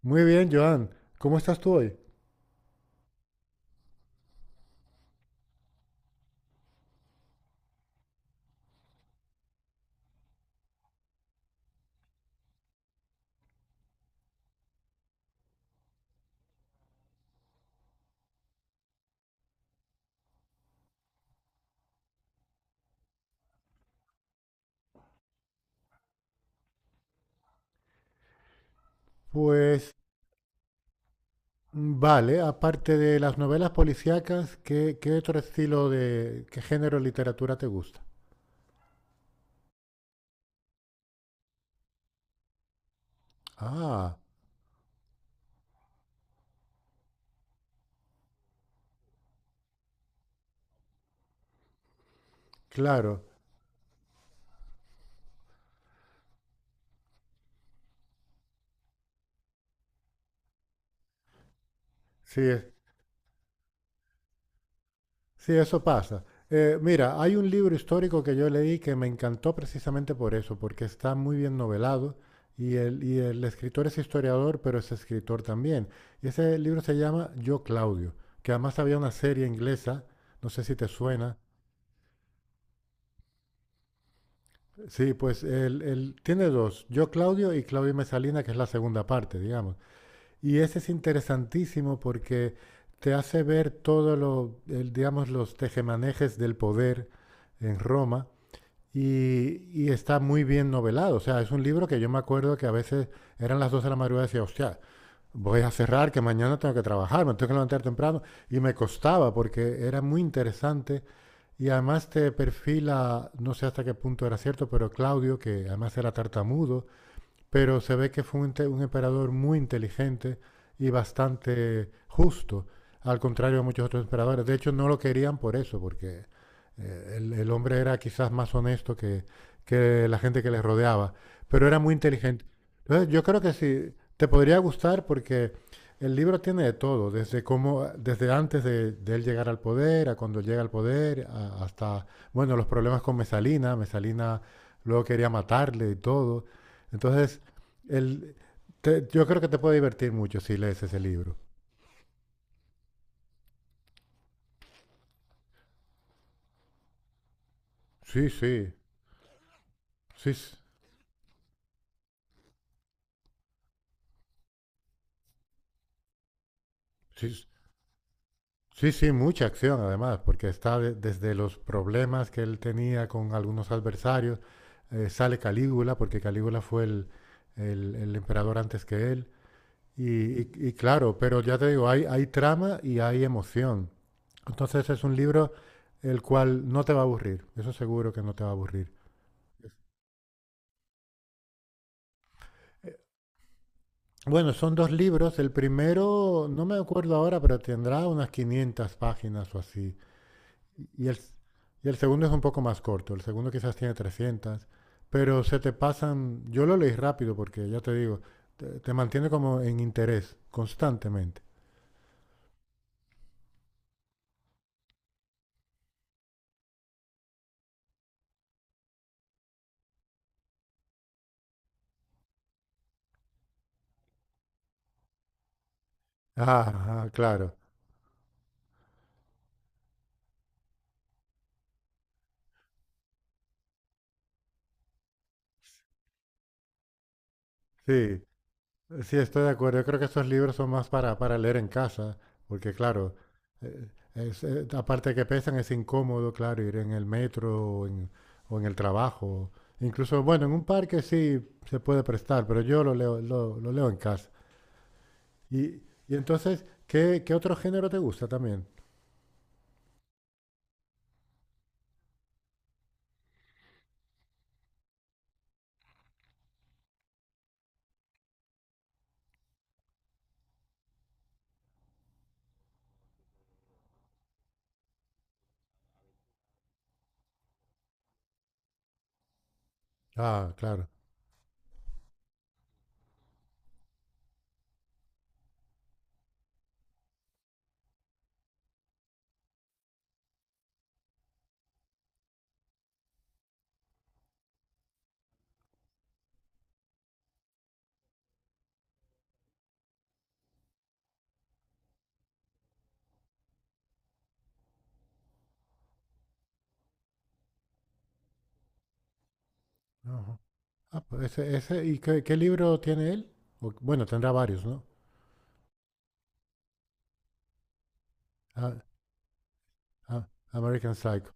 Muy bien, Joan. ¿Cómo estás tú hoy? Pues vale, aparte de las novelas policíacas, ¿qué otro estilo de, qué género de literatura te gusta? Ah, claro, sí, sí, eso pasa. Mira, hay un libro histórico que yo leí que me encantó precisamente por eso, porque está muy bien novelado y el escritor es historiador, pero es escritor también. Y ese libro se llama Yo, Claudio, que además había una serie inglesa, no sé si te suena. Sí, pues él tiene dos, Yo Claudio y Claudio y Mesalina, que es la segunda parte, digamos. Y ese es interesantísimo porque te hace ver todo lo, digamos, los tejemanejes del poder en Roma y, y está muy bien novelado. O sea, es un libro que yo me acuerdo que a veces eran las 2 de la madrugada y decía, hostia, voy a cerrar, que mañana tengo que trabajar, me tengo que levantar temprano. Y me costaba porque era muy interesante y además te perfila, no sé hasta qué punto era cierto, pero Claudio, que además era tartamudo, pero se ve que fue un emperador muy inteligente y bastante justo, al contrario de muchos otros emperadores. De hecho, no lo querían por eso, porque el hombre era quizás más honesto que la gente que les rodeaba, pero era muy inteligente. Entonces, yo creo que sí, te podría gustar porque el libro tiene de todo, desde cómo, desde antes de él llegar al poder, a cuando llega al poder, hasta, bueno, los problemas con Mesalina. Mesalina luego quería matarle y todo. Entonces, el, yo creo que te puede divertir mucho si lees ese libro. Sí, sí, sí, s- sí, s- sí, sí, mucha acción además, porque está desde los problemas que él tenía con algunos adversarios, sale Calígula, porque Calígula fue el emperador antes que él, y claro, pero ya te digo, hay trama y hay emoción. Entonces es un libro el cual no te va a aburrir, eso seguro que no te va a aburrir. Bueno, son dos libros. El primero, no me acuerdo ahora, pero tendrá unas 500 páginas o así. Y el segundo es un poco más corto. El segundo quizás tiene 300. Pero se te pasan, yo lo leí rápido porque ya te digo, te mantiene como en interés constantemente. Ah, ah, claro. Sí. Sí, estoy de acuerdo. Yo creo que esos libros son más para leer en casa, porque claro, eh, aparte de que pesan, es incómodo, claro, ir en el metro o en el trabajo. Incluso, bueno, en un parque sí se puede prestar, pero yo lo leo, lo leo en casa. Y, y entonces, ¿qué otro género te gusta también? Ah, claro. Ajá. Ah, pues ¿y qué libro tiene él? O bueno, tendrá varios, ¿no? Ah, ah, American Psycho.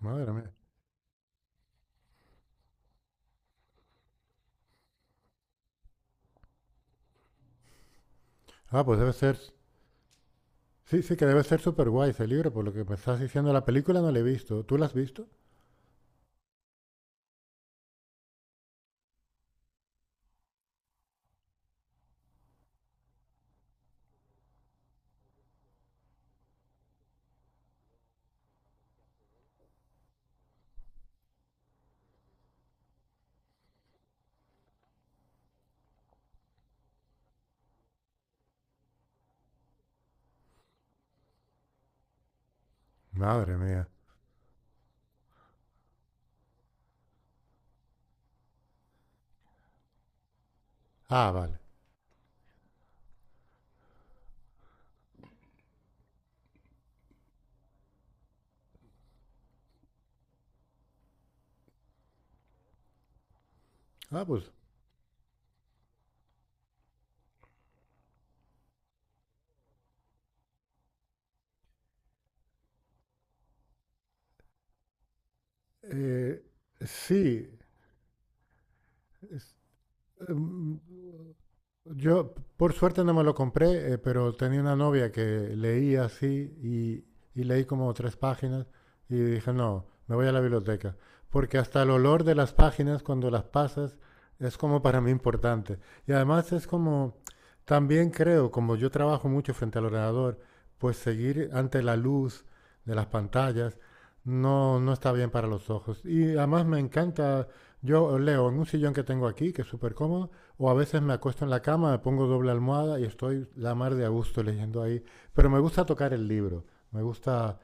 Madre mía. Ah, pues debe ser. Sí, sí, que debe ser súper guay ese libro, por lo que me estás diciendo. La película no la he visto. ¿Tú la has visto? Madre mía. Ah, vale. Ah, pues eh, sí. Es- mm, Yo, por suerte, no me lo compré, pero tenía una novia que leía así y leí como tres páginas y dije, no, me voy a la biblioteca. Porque hasta el olor de las páginas cuando las pasas es como para mí importante. Y además es como, también creo, como yo trabajo mucho frente al ordenador, pues seguir ante la luz de las pantallas no está bien para los ojos. Y además me encanta, yo leo en un sillón que tengo aquí, que es súper cómodo, o a veces me acuesto en la cama, me pongo doble almohada y estoy la mar de a gusto leyendo ahí. Pero me gusta tocar el libro, me gusta,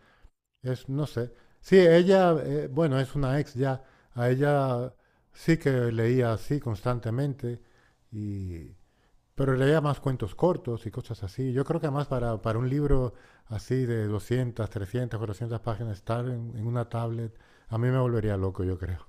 es, no sé. Sí, ella, bueno, es una ex ya, a ella sí que leía así constantemente, y, pero leía más cuentos cortos y cosas así. Yo creo que además para un libro así de 200, 300, 400 páginas, estar en una tablet, a mí me volvería loco, yo creo.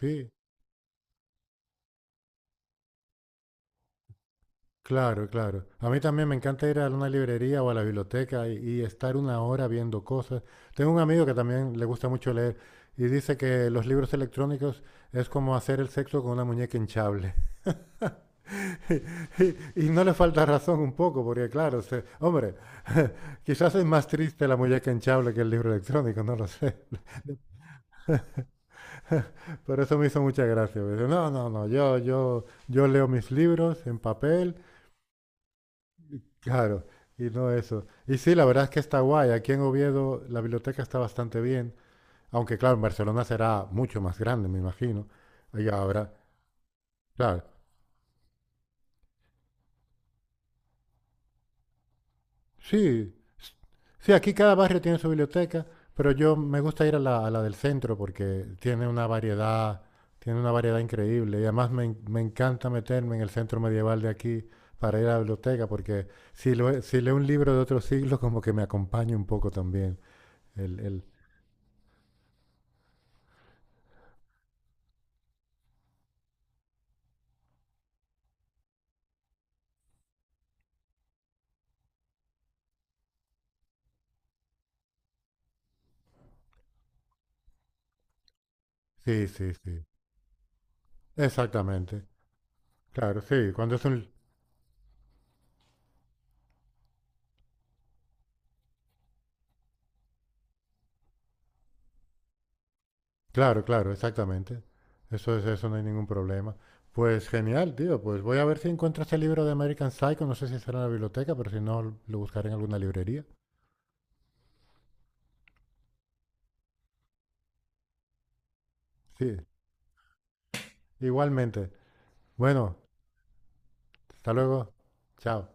Sí, claro, claro. A mí también me encanta ir a una librería o a la biblioteca y estar una hora viendo cosas. Tengo un amigo que también le gusta mucho leer y dice que los libros electrónicos es como hacer el sexo con una muñeca hinchable. Y, y no le falta razón un poco, porque claro, hombre, quizás es más triste la muñeca hinchable que el libro electrónico, no lo sé. Pero eso me hizo mucha gracia. Me dice, no, no, no, yo leo mis libros en papel. Claro, y no eso. Y sí, la verdad es que está guay. Aquí en Oviedo la biblioteca está bastante bien, aunque claro, en Barcelona será mucho más grande, me imagino. Allá habrá, claro. Sí, sí, aquí cada barrio tiene su biblioteca, pero yo me gusta ir a la del centro porque tiene una variedad increíble. Y además me, me encanta meterme en el centro medieval de aquí para ir a la biblioteca, porque si, si leo un libro de otro siglo, como que me acompaña un poco también. El, el, sí, sí, sí. Exactamente. Claro, sí. Cuando es un... Claro, claro, exactamente. Eso es eso, no hay ningún problema. Pues genial, tío. Pues voy a ver si encuentro ese libro de American Psycho. No sé si estará en la biblioteca, pero si no, lo buscaré en alguna librería. Sí, igualmente. Bueno, hasta luego. Chao.